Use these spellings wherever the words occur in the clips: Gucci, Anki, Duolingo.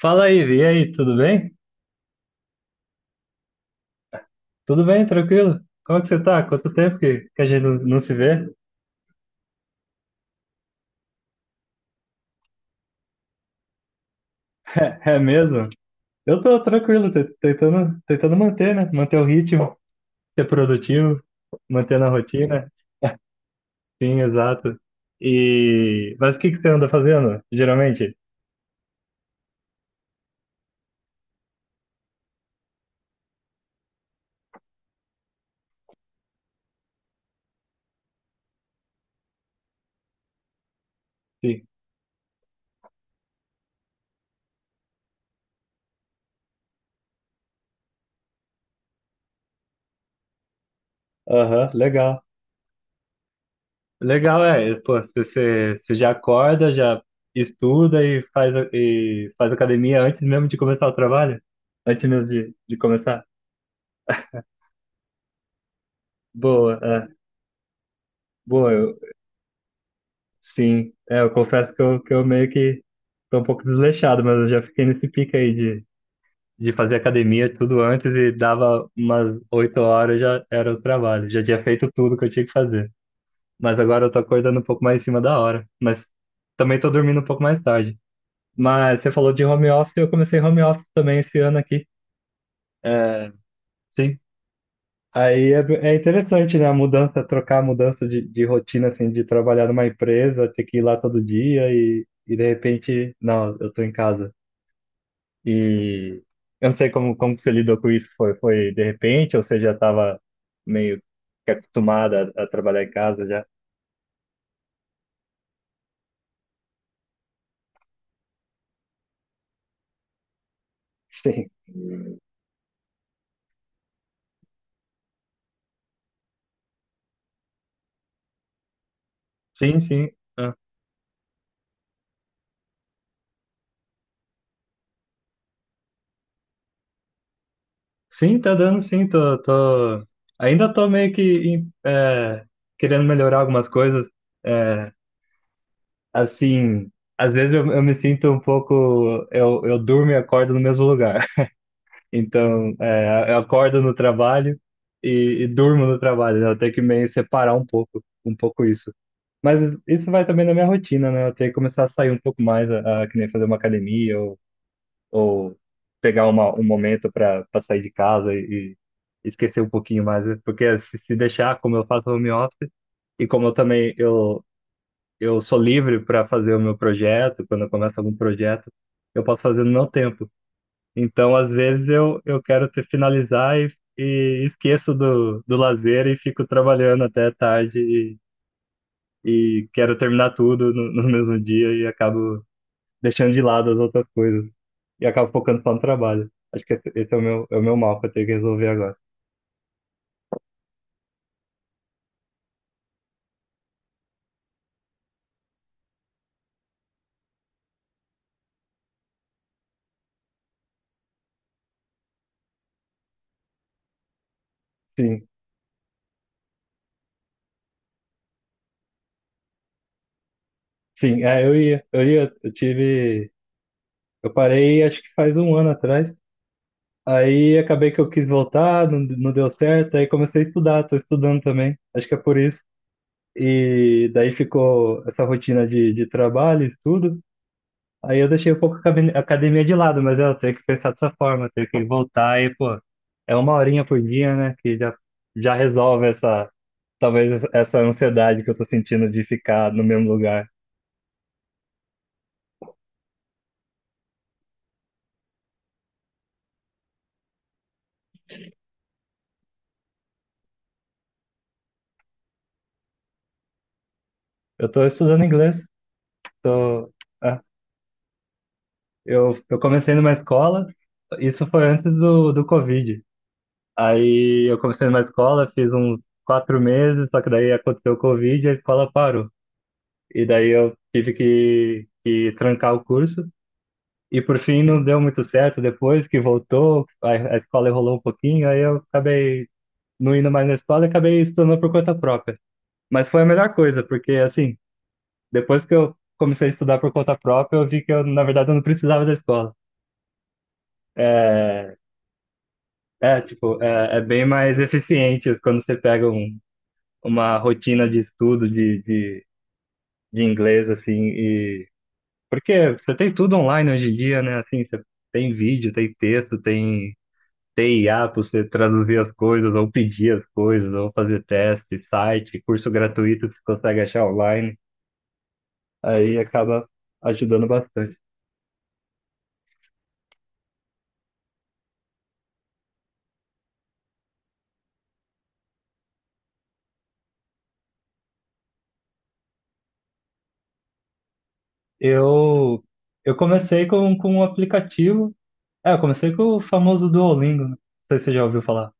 Fala aí, Vi. E aí, tudo bem? Tudo bem, tranquilo? Como é que você tá? Quanto tempo que a gente não se vê? É, mesmo? Eu tô tranquilo, tentando manter, né? Manter o ritmo, ser produtivo, mantendo a rotina. Sim, exato. Mas o que que você anda fazendo, geralmente? Sim. Aham, legal. Legal, é. Pô, você já acorda, já estuda e faz academia antes mesmo de começar o trabalho? Antes mesmo de começar? Boa, é. Boa, eu, sim. É, eu confesso que eu meio que tô um pouco desleixado, mas eu já fiquei nesse pique aí de fazer academia tudo antes e dava umas 8 horas já era o trabalho. Já tinha feito tudo que eu tinha que fazer. Mas agora eu tô acordando um pouco mais em cima da hora. Mas também tô dormindo um pouco mais tarde. Mas você falou de home office, eu comecei home office também esse ano aqui. É, sim, aí é, é interessante, né? A mudança, trocar a mudança de rotina, assim, de trabalhar numa empresa, ter que ir lá todo dia e de repente, não, eu tô em casa. E eu não sei como, como que você lidou com isso. Foi de repente ou você já estava meio que acostumada a trabalhar em casa já? Sim, sim, sim. Ah. Sim, tá dando sim. Tô... Ainda tô meio que em- é, querendo melhorar algumas coisas. Assim, às vezes eu me sinto um pouco. Eu durmo e acordo no mesmo lugar. Então, é, eu acordo no trabalho e, e durmo no trabalho, né? Eu tenho que meio separar um pouco isso. Mas isso vai também na minha rotina, né? Eu tenho que começar a sair um pouco mais, que nem fazer uma academia ou pegar uma, um momento para sair de casa e esquecer um pouquinho mais. Né? Porque se deixar, como eu faço home office, e como eu também eu sou livre para fazer o meu projeto, quando eu começo algum projeto, eu posso fazer no meu tempo. Então, às vezes, eu quero te finalizar e esqueço do lazer e fico trabalhando até tarde e quero terminar tudo no mesmo dia e acabo deixando de lado as outras coisas e acabo focando só no trabalho. Acho que esse é o meu mal que eu tenho que resolver agora. Sim, sim, é, eu ia, eu parei acho que faz um ano atrás. Aí acabei que eu quis voltar, não, não deu certo, aí comecei a estudar, tô estudando também, acho que é por isso. E daí ficou essa rotina de trabalho, estudo. Aí eu deixei um pouco a a academia de lado, mas eu tenho que pensar dessa forma, tenho que voltar e, pô, é uma horinha por dia, né, que já resolve talvez essa ansiedade que eu tô sentindo de ficar no mesmo lugar. Eu tô estudando inglês, tô, é, eu comecei numa escola, isso foi antes do Covid. Aí eu comecei numa escola, fiz uns 4 meses, só que daí aconteceu o Covid e a escola parou. E daí eu tive que trancar o curso. E por fim não deu muito certo depois que voltou, a escola enrolou um pouquinho, aí eu acabei não indo mais na escola e acabei estudando por conta própria. Mas foi a melhor coisa, porque assim, depois que eu comecei a estudar por conta própria, eu vi que eu, na verdade, eu não precisava da escola. É, é tipo, é, é bem mais eficiente quando você pega uma rotina de estudo de inglês, assim, e... Porque você tem tudo online hoje em dia, né? Assim, você tem vídeo, tem texto, tem IA para você traduzir as coisas, ou pedir as coisas, ou fazer teste, site, curso gratuito que você consegue achar online. Aí acaba ajudando bastante. Eu, eu comecei com um aplicativo. É, eu comecei com o famoso Duolingo, né? Não sei se você já ouviu falar.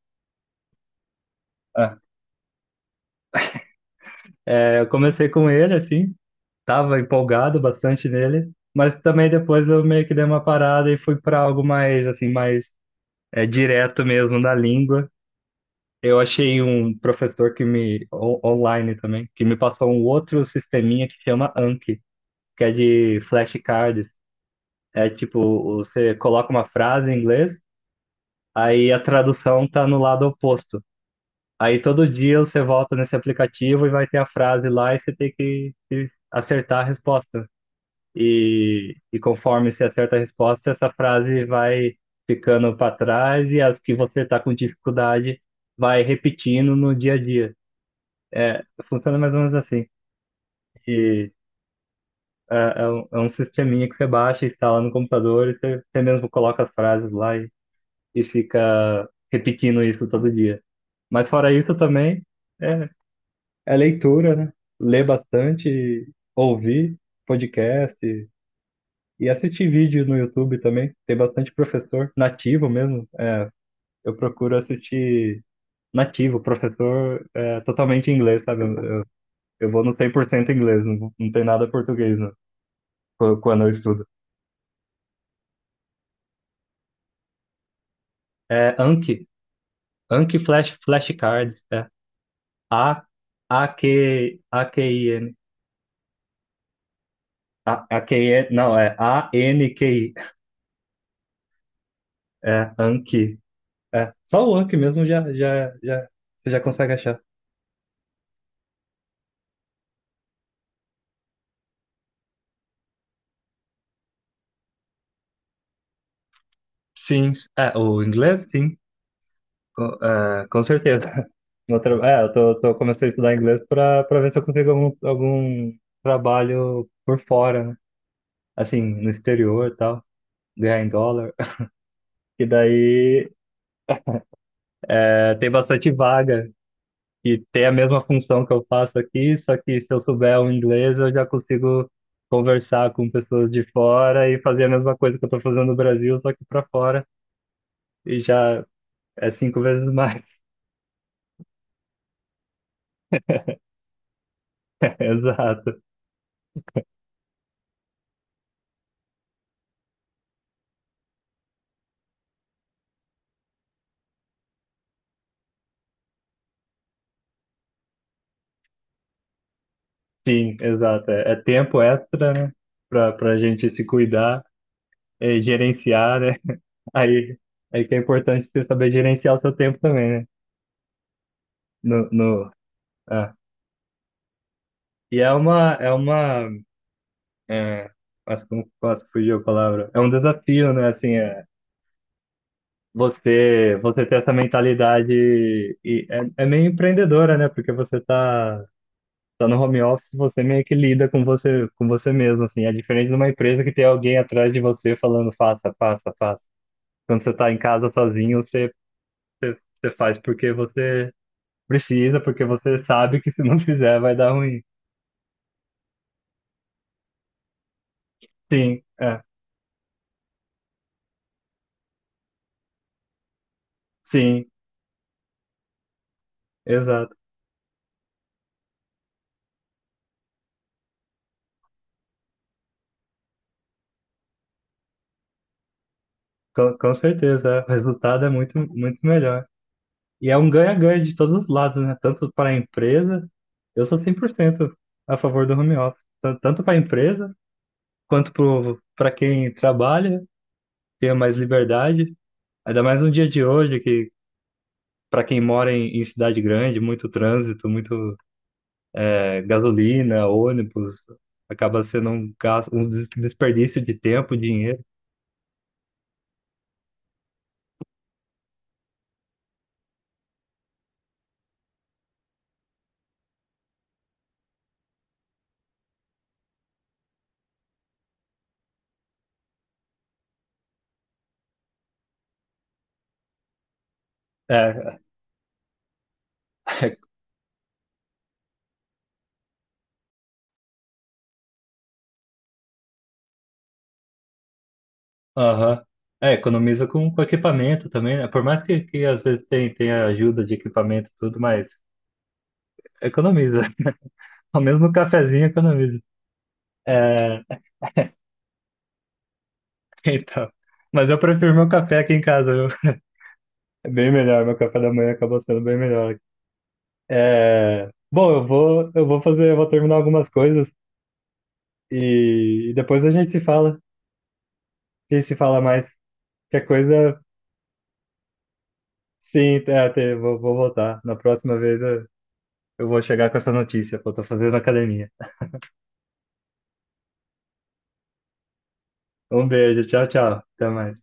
É, eu comecei com ele, assim, tava empolgado bastante nele, mas também depois eu meio que dei uma parada e fui para algo mais assim, mais é, direto mesmo da língua. Eu achei um professor que online também, que me passou um outro sisteminha que chama Anki, que é de flashcards. É tipo, você coloca uma frase em inglês, aí a tradução tá no lado oposto. Aí todo dia você volta nesse aplicativo e vai ter a frase lá e você tem que acertar a resposta. E conforme você acerta a resposta, essa frase vai ficando para trás e as que você está com dificuldade vai repetindo no dia a dia. É, funciona mais ou menos assim. E é, é um sisteminha que você baixa, instala no computador e você, você mesmo coloca as frases lá e fica repetindo isso todo dia. Mas fora isso também é, é leitura, né? Ler bastante, ouvir podcast, e assistir vídeo no YouTube também. Tem bastante professor nativo mesmo. Eu procuro assistir nativo, professor é, totalmente em inglês, sabe? Eu vou no 100% inglês, não, não tem nada português né, quando eu estudo. É Anki, Anki Flash, Flashcards, é A, A, Q, A, Q, I, N. A, Q, I, não, é ANQI. É Anki. É, só o Anki mesmo já, você já consegue achar. Sim, é, o inglês, sim. É, com certeza. É, eu tô, comecei a estudar inglês para para ver se eu consigo algum trabalho por fora, né? Assim, no exterior e tal, ganhar em dólar. E daí é, tem bastante vaga que tem a mesma função que eu faço aqui, só que se eu souber o inglês, eu já consigo conversar com pessoas de fora e fazer a mesma coisa que eu tô fazendo no Brasil, só que para fora. E já é 5 vezes mais. Exato. Sim, exato. É, é tempo extra, né? Pra gente se cuidar, é, gerenciar, né? Aí, aí que é importante você saber gerenciar o seu tempo também, né? No, no, ah. E é uma, é uma, é, acho que não posso fugir a palavra. É um desafio, né? Assim, é, você ter essa mentalidade e é, é meio empreendedora, né? Porque você tá no home office, você meio que lida com você mesmo, assim. É diferente de uma empresa que tem alguém atrás de você falando faça, faça, faça. Quando você tá em casa sozinho, você, você faz porque você precisa, porque você sabe que se não fizer vai dar ruim. Sim, é. Sim, exato. Com certeza. É. O resultado é muito, muito melhor. E é um ganha-ganha de todos os lados, né? Tanto para a empresa, eu sou 100% a favor do home office. Tanto para a empresa, quanto para quem trabalha, tenha mais liberdade. Ainda mais no dia de hoje, que para quem mora em cidade grande, muito trânsito, muito gasolina, ônibus, acaba sendo um gasto, um desperdício de tempo, dinheiro. É, aham. É, economiza com equipamento também, né? Por mais que às vezes tenha ajuda de equipamento e tudo, mas economiza. Ao menos no cafezinho economiza. É, então. Mas eu prefiro meu café aqui em casa, viu? É bem melhor, meu café da manhã acabou sendo bem melhor. É, bom, eu vou terminar algumas coisas e depois a gente se fala. A gente se fala mais. Qualquer coisa, sim, é, vou, vou voltar. Na próxima vez eu vou chegar com essa notícia, que eu tô fazendo academia. Um beijo, tchau, tchau. Até mais.